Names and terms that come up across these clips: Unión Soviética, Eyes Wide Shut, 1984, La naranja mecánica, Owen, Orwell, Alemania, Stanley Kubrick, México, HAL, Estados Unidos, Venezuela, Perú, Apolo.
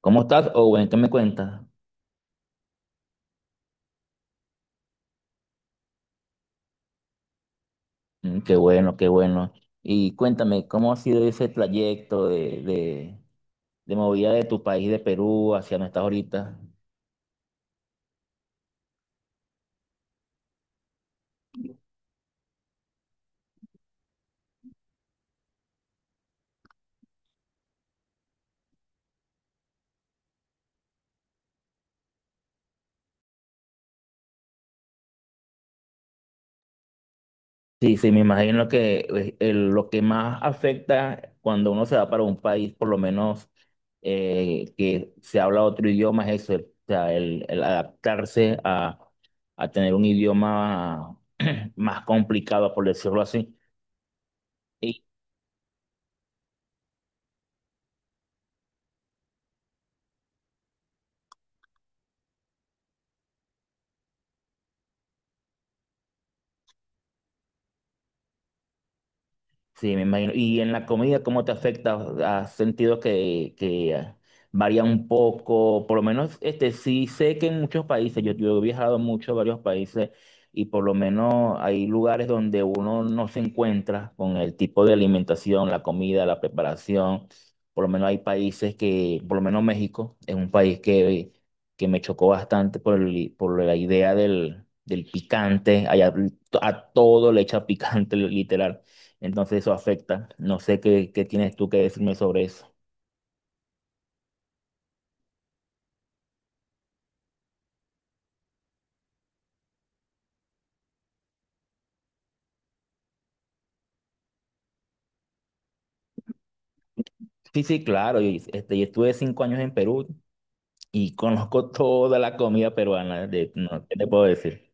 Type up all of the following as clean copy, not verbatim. ¿Cómo estás, Owen? ¿Qué me cuentas? Qué bueno, qué bueno. Y cuéntame, ¿cómo ha sido ese trayecto de movida de tu país, de Perú, hacia donde estás ahorita? Sí, sí, me imagino que lo que más afecta cuando uno se va para un país, por lo menos que se habla otro idioma, es eso, o sea, el adaptarse a tener un idioma más complicado, por decirlo así. Sí, me imagino. ¿Y en la comida cómo te afecta? ¿Has sentido que varía un poco? Por lo menos, este, sí sé que en muchos países, yo he viajado mucho a varios países y por lo menos hay lugares donde uno no se encuentra con el tipo de alimentación, la comida, la preparación. Por lo menos hay países que, por lo menos México, es un país que me chocó bastante por por la idea del picante. Allá a todo le echa picante, literal. Entonces eso afecta. No sé qué tienes tú que decirme sobre eso. Sí, sí, claro. Y, este, yo estuve 5 años en Perú y conozco toda la comida peruana. De, no, ¿qué te puedo decir?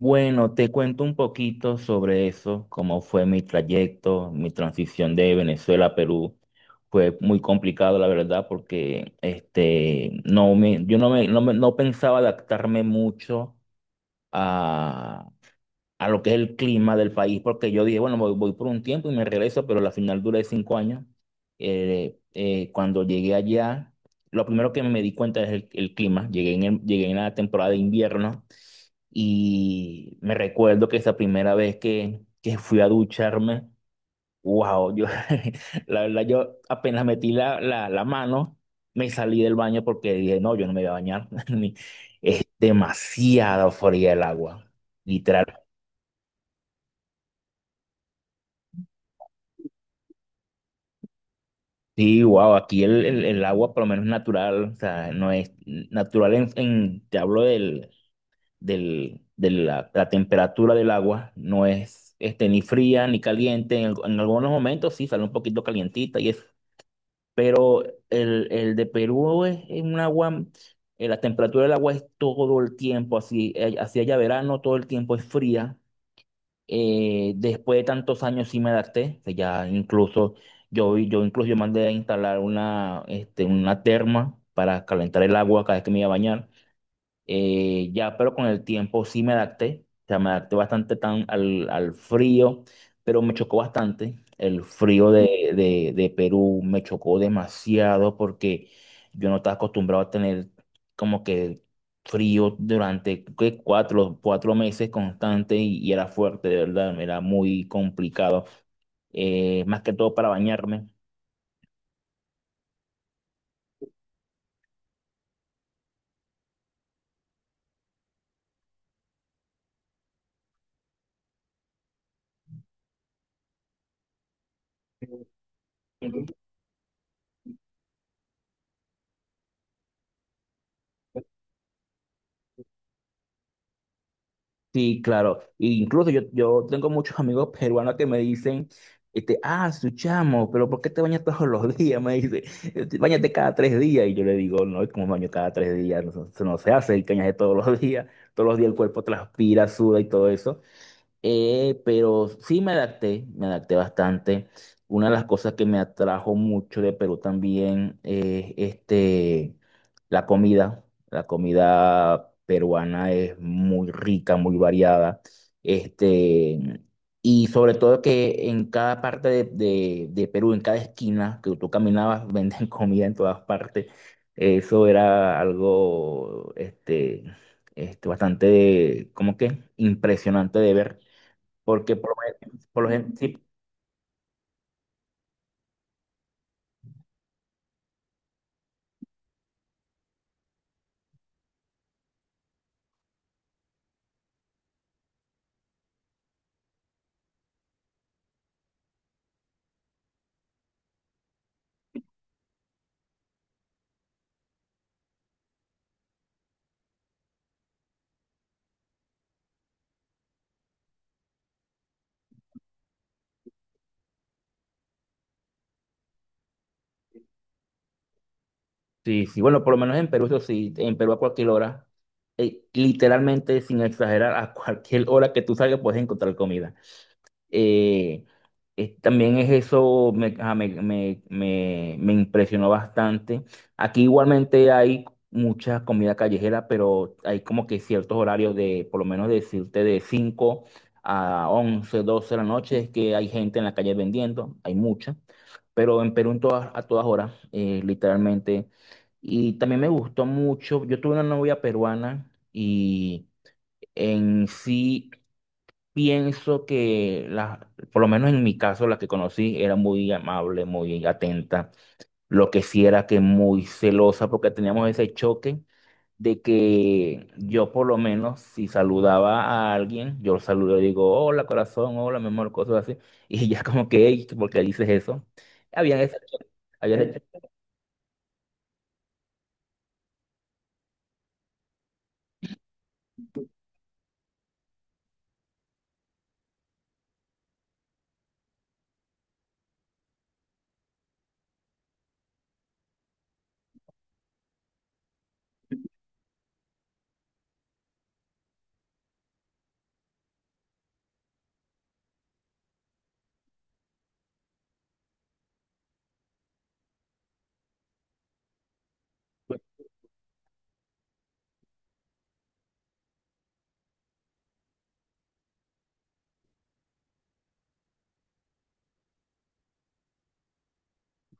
Bueno, te cuento un poquito sobre eso, cómo fue mi trayecto, mi transición de Venezuela a Perú. Fue muy complicado, la verdad, porque este, no me, yo no, me, no, me- no pensaba adaptarme mucho a lo que es el clima del país, porque yo dije, bueno, voy por un tiempo y me regreso, pero la final duré 5 años. Cuando llegué allá, lo primero que me di cuenta es el clima. Llegué en, llegué en la temporada de invierno y me recuerdo que esa primera vez que fui a ducharme, wow, yo, la verdad, yo apenas metí la mano, me salí del baño porque dije, no, yo no me voy a bañar. Es demasiado fría el agua, literal. Sí, wow, aquí el agua por lo menos natural, o sea, no es natural en, te hablo la temperatura del agua, no es este, ni fría ni caliente, en algunos momentos sí sale un poquito calientita y eso, pero el de Perú es un agua, la temperatura del agua es todo el tiempo así, así haya verano, todo el tiempo es fría. Después de tantos años sí me adapté, que ya incluso yo mandé a instalar una, este, una terma para calentar el agua cada vez que me iba a bañar. Ya, pero con el tiempo sí me adapté, o sea, me adapté bastante tan al frío, pero me chocó bastante. El frío de Perú me chocó demasiado porque yo no estaba acostumbrado a tener como que frío durante ¿qué? 4 meses constante y era fuerte, de verdad, era muy complicado, más que todo para bañarme. Sí, claro. y incluso yo tengo muchos amigos peruanos que me dicen, este, ah, su chamo, pero ¿por qué te bañas todos los días? Me dice, "Este, báñate cada 3 días." Y yo le digo, no, es como baño cada 3 días, no, se no se hace el cañaje todos los días. Todos los días el cuerpo transpira, suda y todo eso. Pero sí me adapté bastante. Una de las cosas que me atrajo mucho de Perú también es este, la comida. La comida peruana es muy rica, muy variada. Este, y sobre todo que en cada parte de Perú, en cada esquina que tú caminabas, venden comida en todas partes. Eso era algo este, este, bastante, como que impresionante de ver. Porque por, lo men- por lo gen- sí, sí, sí, bueno, por lo menos en Perú, eso sí, en Perú a cualquier hora, literalmente sin exagerar, a cualquier hora que tú salgas puedes encontrar comida. eh, También es eso, me, ah, me- me- me impresionó bastante. Aquí igualmente hay mucha comida callejera, pero hay como que ciertos horarios de, por lo menos decirte, de 5 a 11 12 de la noche, es que hay gente en la calle vendiendo, hay mucha, pero en Perú a todas horas, literalmente. Y también me gustó mucho, yo tuve una novia peruana y en sí pienso que por lo menos en mi caso, la que conocí era muy amable, muy atenta. Lo que sí era que muy celosa porque teníamos ese choque de que yo por lo menos si saludaba a alguien, yo lo saludo, digo, hola corazón, hola mi amor, cosas así. Y ya como que, "Ey, ¿por qué dices eso?" Había ese choque. Había ese choque.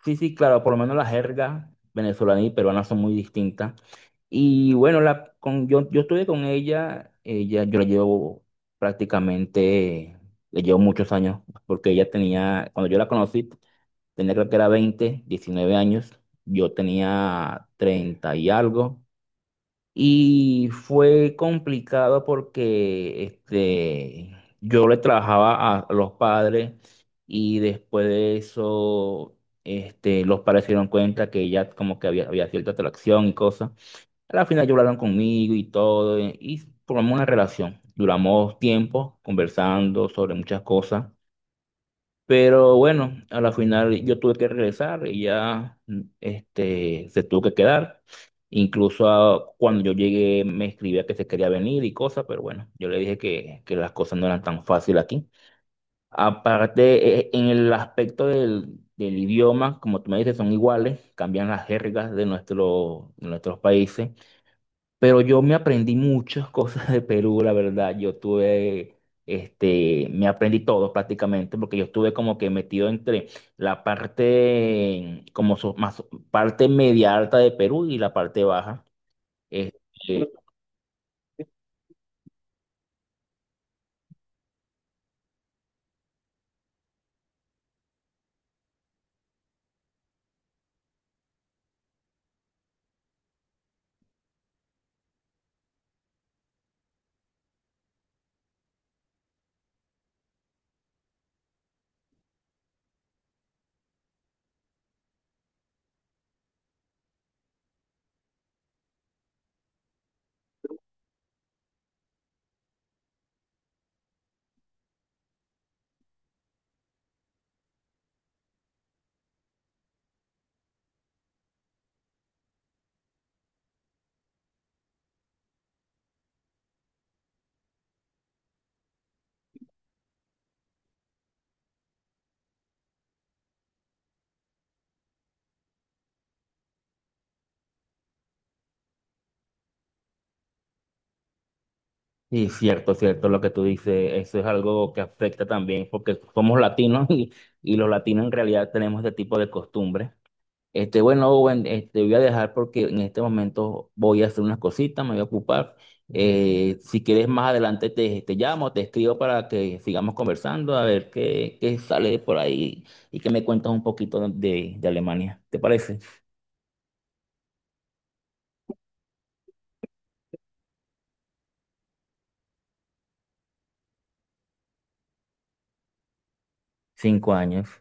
Sí, sí, claro, por lo menos la jerga venezolana y peruana son muy distintas. Y bueno, yo estuve con ella, yo la llevo prácticamente, le llevo muchos años, porque ella tenía, cuando yo la conocí, tenía creo que era 20, 19 años, yo tenía 30 y algo, y fue complicado porque este, yo le trabajaba a los padres y después de eso este, los padres se dieron cuenta que ya como que había cierta atracción y cosas. A la final lloraron conmigo y todo y formamos una relación. Duramos tiempo conversando sobre muchas cosas. Pero bueno, a la final yo tuve que regresar y ya este, se tuvo que quedar. Incluso cuando yo llegué me escribía que se quería venir y cosas, pero bueno, yo le dije que las cosas no eran tan fáciles aquí. Aparte, en el aspecto del idioma, como tú me dices, son iguales, cambian las jergas de, nuestro, de nuestros países. Pero yo me aprendí muchas cosas de Perú, la verdad. Yo tuve, este, me aprendí todo prácticamente, porque yo estuve como que metido entre la parte, parte media alta de Perú y la parte baja. Este, sí, cierto, cierto, lo que tú dices, eso es algo que afecta también, porque somos latinos y los latinos en realidad tenemos este tipo de costumbres. Este, bueno, Owen, este, voy a dejar porque en este momento voy a hacer unas cositas, me voy a ocupar. Si quieres más adelante te llamo, te escribo para que sigamos conversando, a ver qué sale por ahí y que me cuentas un poquito de Alemania. ¿Te parece? 5 años.